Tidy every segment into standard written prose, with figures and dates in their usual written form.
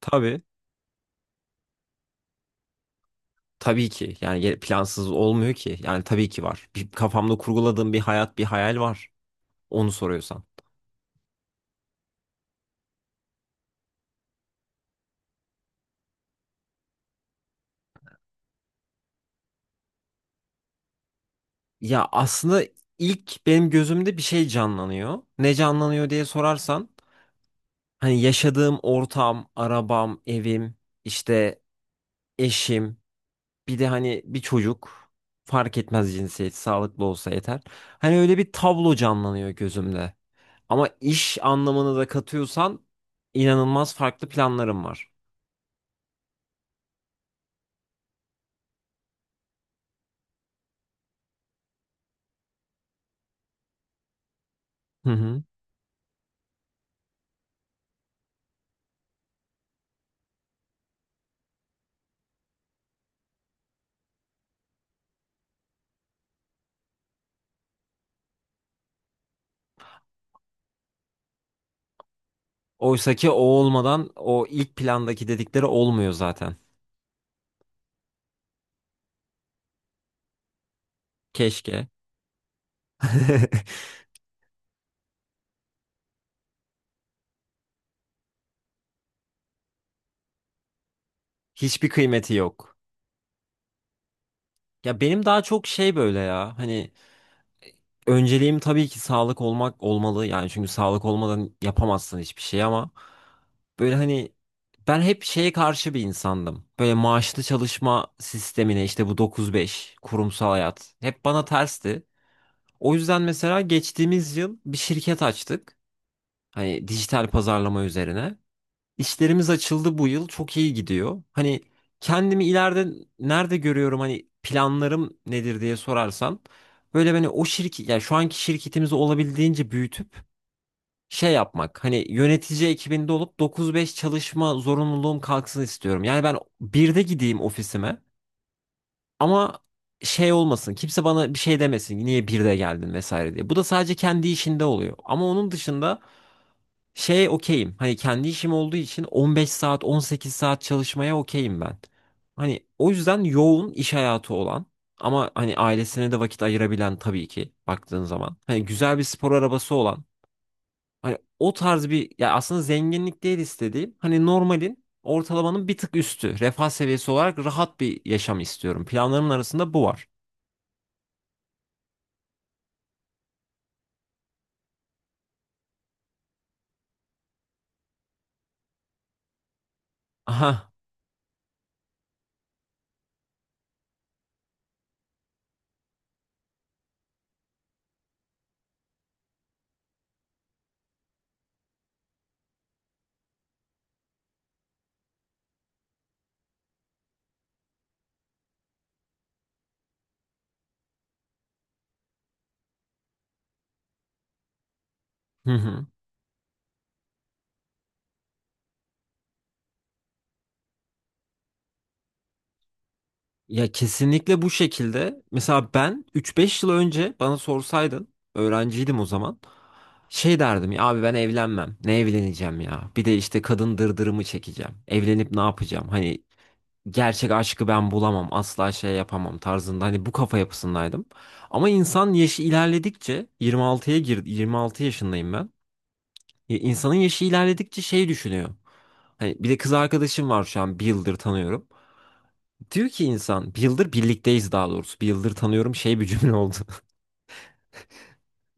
Tabii. Tabii ki. Yani plansız olmuyor ki. Yani tabii ki var. Bir, kafamda kurguladığım bir hayat, bir hayal var. Onu soruyorsan. Ya aslında ilk benim gözümde bir şey canlanıyor. Ne canlanıyor diye sorarsan, hani yaşadığım ortam, arabam, evim, işte eşim, bir de hani bir çocuk fark etmez cinsiyet, sağlıklı olsa yeter. Hani öyle bir tablo canlanıyor gözümde. Ama iş anlamını da katıyorsan inanılmaz farklı planlarım var. Hı hı. Oysaki o olmadan o ilk plandaki dedikleri olmuyor zaten. Keşke. Hiçbir kıymeti yok. Ya benim daha çok şey böyle ya. Hani önceliğim tabii ki sağlık olmak olmalı. Yani çünkü sağlık olmadan yapamazsın hiçbir şey ama böyle hani ben hep şeye karşı bir insandım. Böyle maaşlı çalışma sistemine işte bu 9-5 kurumsal hayat hep bana tersti. O yüzden mesela geçtiğimiz yıl bir şirket açtık. Hani dijital pazarlama üzerine. İşlerimiz açıldı bu yıl. Çok iyi gidiyor. Hani kendimi ileride nerede görüyorum hani planlarım nedir diye sorarsan böyle beni o şirket yani şu anki şirketimizi olabildiğince büyütüp şey yapmak. Hani yönetici ekibinde olup 9-5 çalışma zorunluluğum kalksın istiyorum. Yani ben birde gideyim ofisime ama şey olmasın. Kimse bana bir şey demesin. Niye birde geldin vesaire diye. Bu da sadece kendi işinde oluyor. Ama onun dışında şeye okeyim. Hani kendi işim olduğu için 15 saat, 18 saat çalışmaya okeyim ben. Hani o yüzden yoğun iş hayatı olan ama hani ailesine de vakit ayırabilen tabii ki baktığın zaman. Hani güzel bir spor arabası olan. Hani o tarz bir ya aslında zenginlik değil istediğim. Hani normalin ortalamanın bir tık üstü. Refah seviyesi olarak rahat bir yaşam istiyorum. Planlarımın arasında bu var. Aha. Ya kesinlikle bu şekilde. Mesela ben 3-5 yıl önce bana sorsaydın, öğrenciydim o zaman. Şey derdim ya abi ben evlenmem. Ne evleneceğim ya? Bir de işte kadın dırdırımı çekeceğim. Evlenip ne yapacağım? Hani gerçek aşkı ben bulamam. Asla şey yapamam tarzında. Hani bu kafa yapısındaydım. Ama insan yaşı ilerledikçe 26'ya girdi. 26 yaşındayım ben. Ya İnsanın yaşı ilerledikçe şey düşünüyor. Hani bir de kız arkadaşım var şu an bir yıldır tanıyorum. Diyor ki insan bir yıldır birlikteyiz daha doğrusu. Bir yıldır tanıyorum şey bir cümle oldu.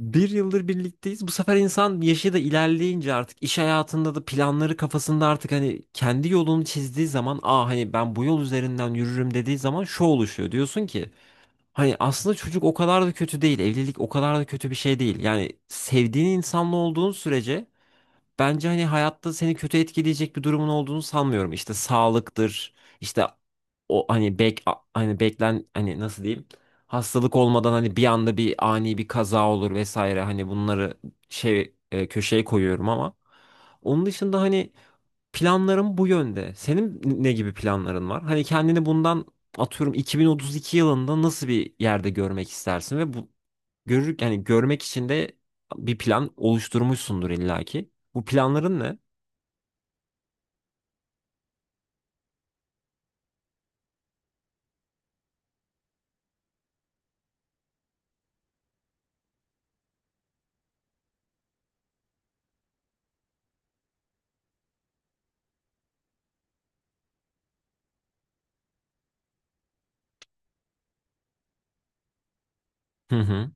Bir yıldır birlikteyiz. Bu sefer insan yaşı da ilerleyince artık iş hayatında da planları kafasında artık hani kendi yolunu çizdiği zaman aa hani ben bu yol üzerinden yürürüm dediği zaman şu oluşuyor. Diyorsun ki hani aslında çocuk o kadar da kötü değil. Evlilik o kadar da kötü bir şey değil. Yani sevdiğin insanla olduğun sürece bence hani hayatta seni kötü etkileyecek bir durumun olduğunu sanmıyorum. İşte sağlıktır, işte o hani bek a- hani beklen hani nasıl diyeyim? Hastalık olmadan hani bir anda bir ani bir kaza olur vesaire. Hani bunları şey köşeye koyuyorum ama onun dışında hani planlarım bu yönde. Senin ne gibi planların var? Hani kendini bundan atıyorum 2032 yılında nasıl bir yerde görmek istersin ve bu görür yani görmek için de bir plan oluşturmuşsundur illaki. Bu planların ne? Hı hı,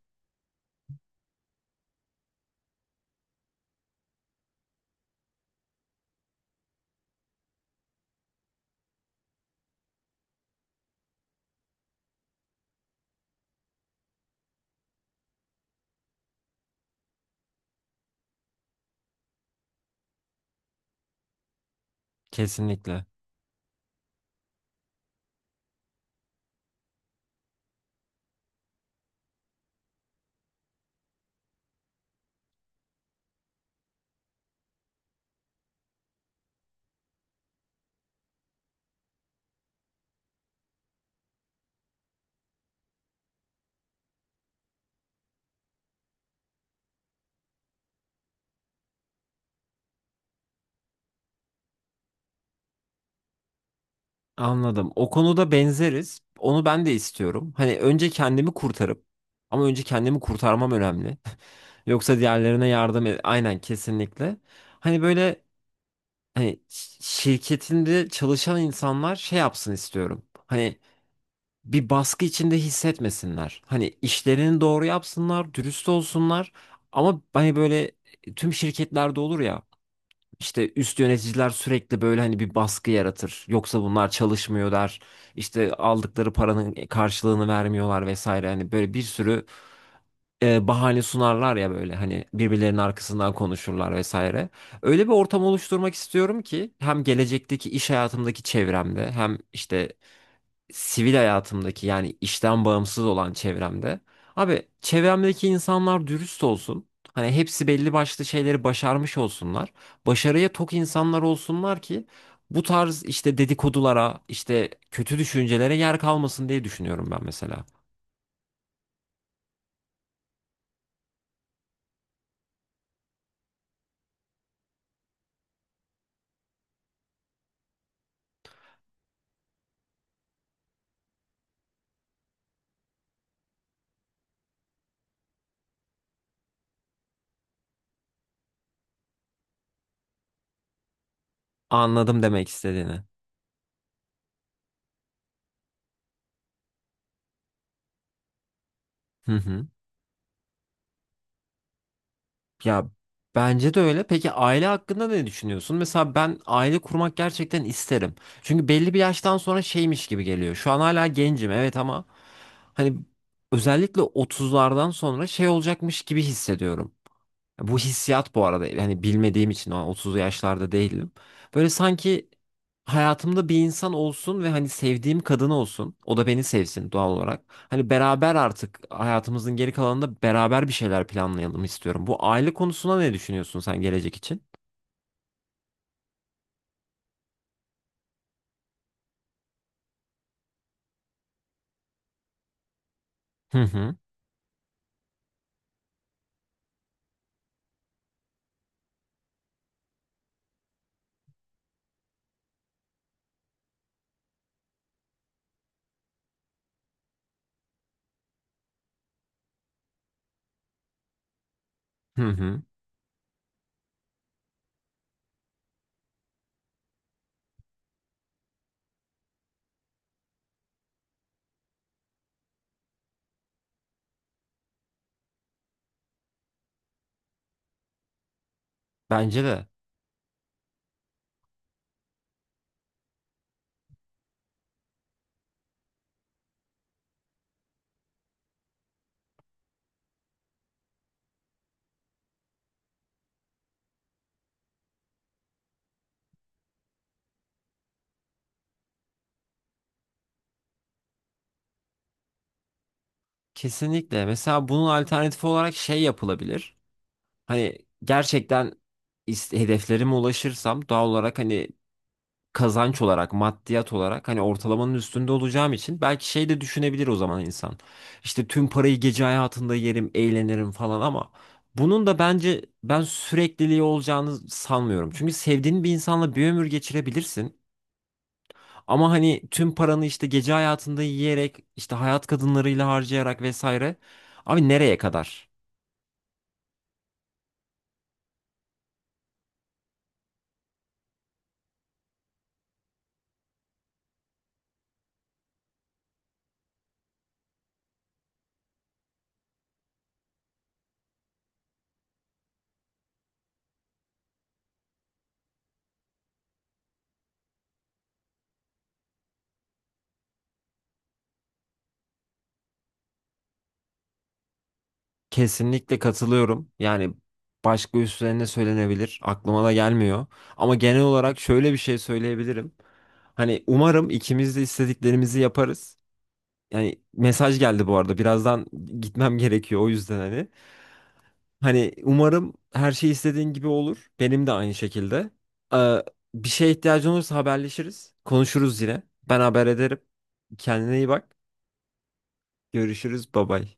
kesinlikle. Anladım. O konuda benzeriz. Onu ben de istiyorum. Hani önce kendimi kurtarıp ama önce kendimi kurtarmam önemli. Yoksa diğerlerine yardım et. Aynen kesinlikle. Hani böyle hani şirketinde çalışan insanlar şey yapsın istiyorum. Hani bir baskı içinde hissetmesinler. Hani işlerini doğru yapsınlar, dürüst olsunlar. Ama hani böyle tüm şirketlerde olur ya. İşte üst yöneticiler sürekli böyle hani bir baskı yaratır. Yoksa bunlar çalışmıyor der. İşte aldıkları paranın karşılığını vermiyorlar vesaire. Hani böyle bir sürü bahane sunarlar ya böyle hani birbirlerinin arkasından konuşurlar vesaire. Öyle bir ortam oluşturmak istiyorum ki hem gelecekteki iş hayatımdaki çevremde hem işte sivil hayatımdaki yani işten bağımsız olan çevremde. Abi çevremdeki insanlar dürüst olsun. Hani hepsi belli başlı şeyleri başarmış olsunlar. Başarıya tok insanlar olsunlar ki bu tarz işte dedikodulara, işte kötü düşüncelere yer kalmasın diye düşünüyorum ben mesela. Anladım demek istediğini. Hı hı. Ya bence de öyle. Peki aile hakkında ne düşünüyorsun? Mesela ben aile kurmak gerçekten isterim. Çünkü belli bir yaştan sonra şeymiş gibi geliyor. Şu an hala gencim evet ama hani özellikle 30'lardan sonra şey olacakmış gibi hissediyorum. Bu hissiyat bu arada yani bilmediğim için o an 30'lu yaşlarda değilim. Böyle sanki hayatımda bir insan olsun ve hani sevdiğim kadın olsun. O da beni sevsin doğal olarak. Hani beraber artık hayatımızın geri kalanında beraber bir şeyler planlayalım istiyorum. Bu aile konusuna ne düşünüyorsun sen gelecek için? Hı hı. Hı hı. Bence de. Kesinlikle. Mesela bunun alternatifi olarak şey yapılabilir. Hani gerçekten hedeflerime ulaşırsam doğal olarak hani kazanç olarak, maddiyat olarak hani ortalamanın üstünde olacağım için belki şey de düşünebilir o zaman insan. İşte tüm parayı gece hayatında yerim, eğlenirim falan ama bunun da bence ben sürekliliği olacağını sanmıyorum. Çünkü sevdiğin bir insanla bir ömür geçirebilirsin. Ama hani tüm paranı işte gece hayatında yiyerek, işte hayat kadınlarıyla harcayarak vesaire. Abi nereye kadar? Kesinlikle katılıyorum. Yani başka üstlerine söylenebilir. Aklıma da gelmiyor. Ama genel olarak şöyle bir şey söyleyebilirim. Hani umarım ikimiz de istediklerimizi yaparız. Yani mesaj geldi bu arada. Birazdan gitmem gerekiyor o yüzden hani. Hani umarım her şey istediğin gibi olur. Benim de aynı şekilde. Ee, bir şeye ihtiyacın olursa haberleşiriz. Konuşuruz yine. Ben haber ederim. Kendine iyi bak. Görüşürüz. Bay bay.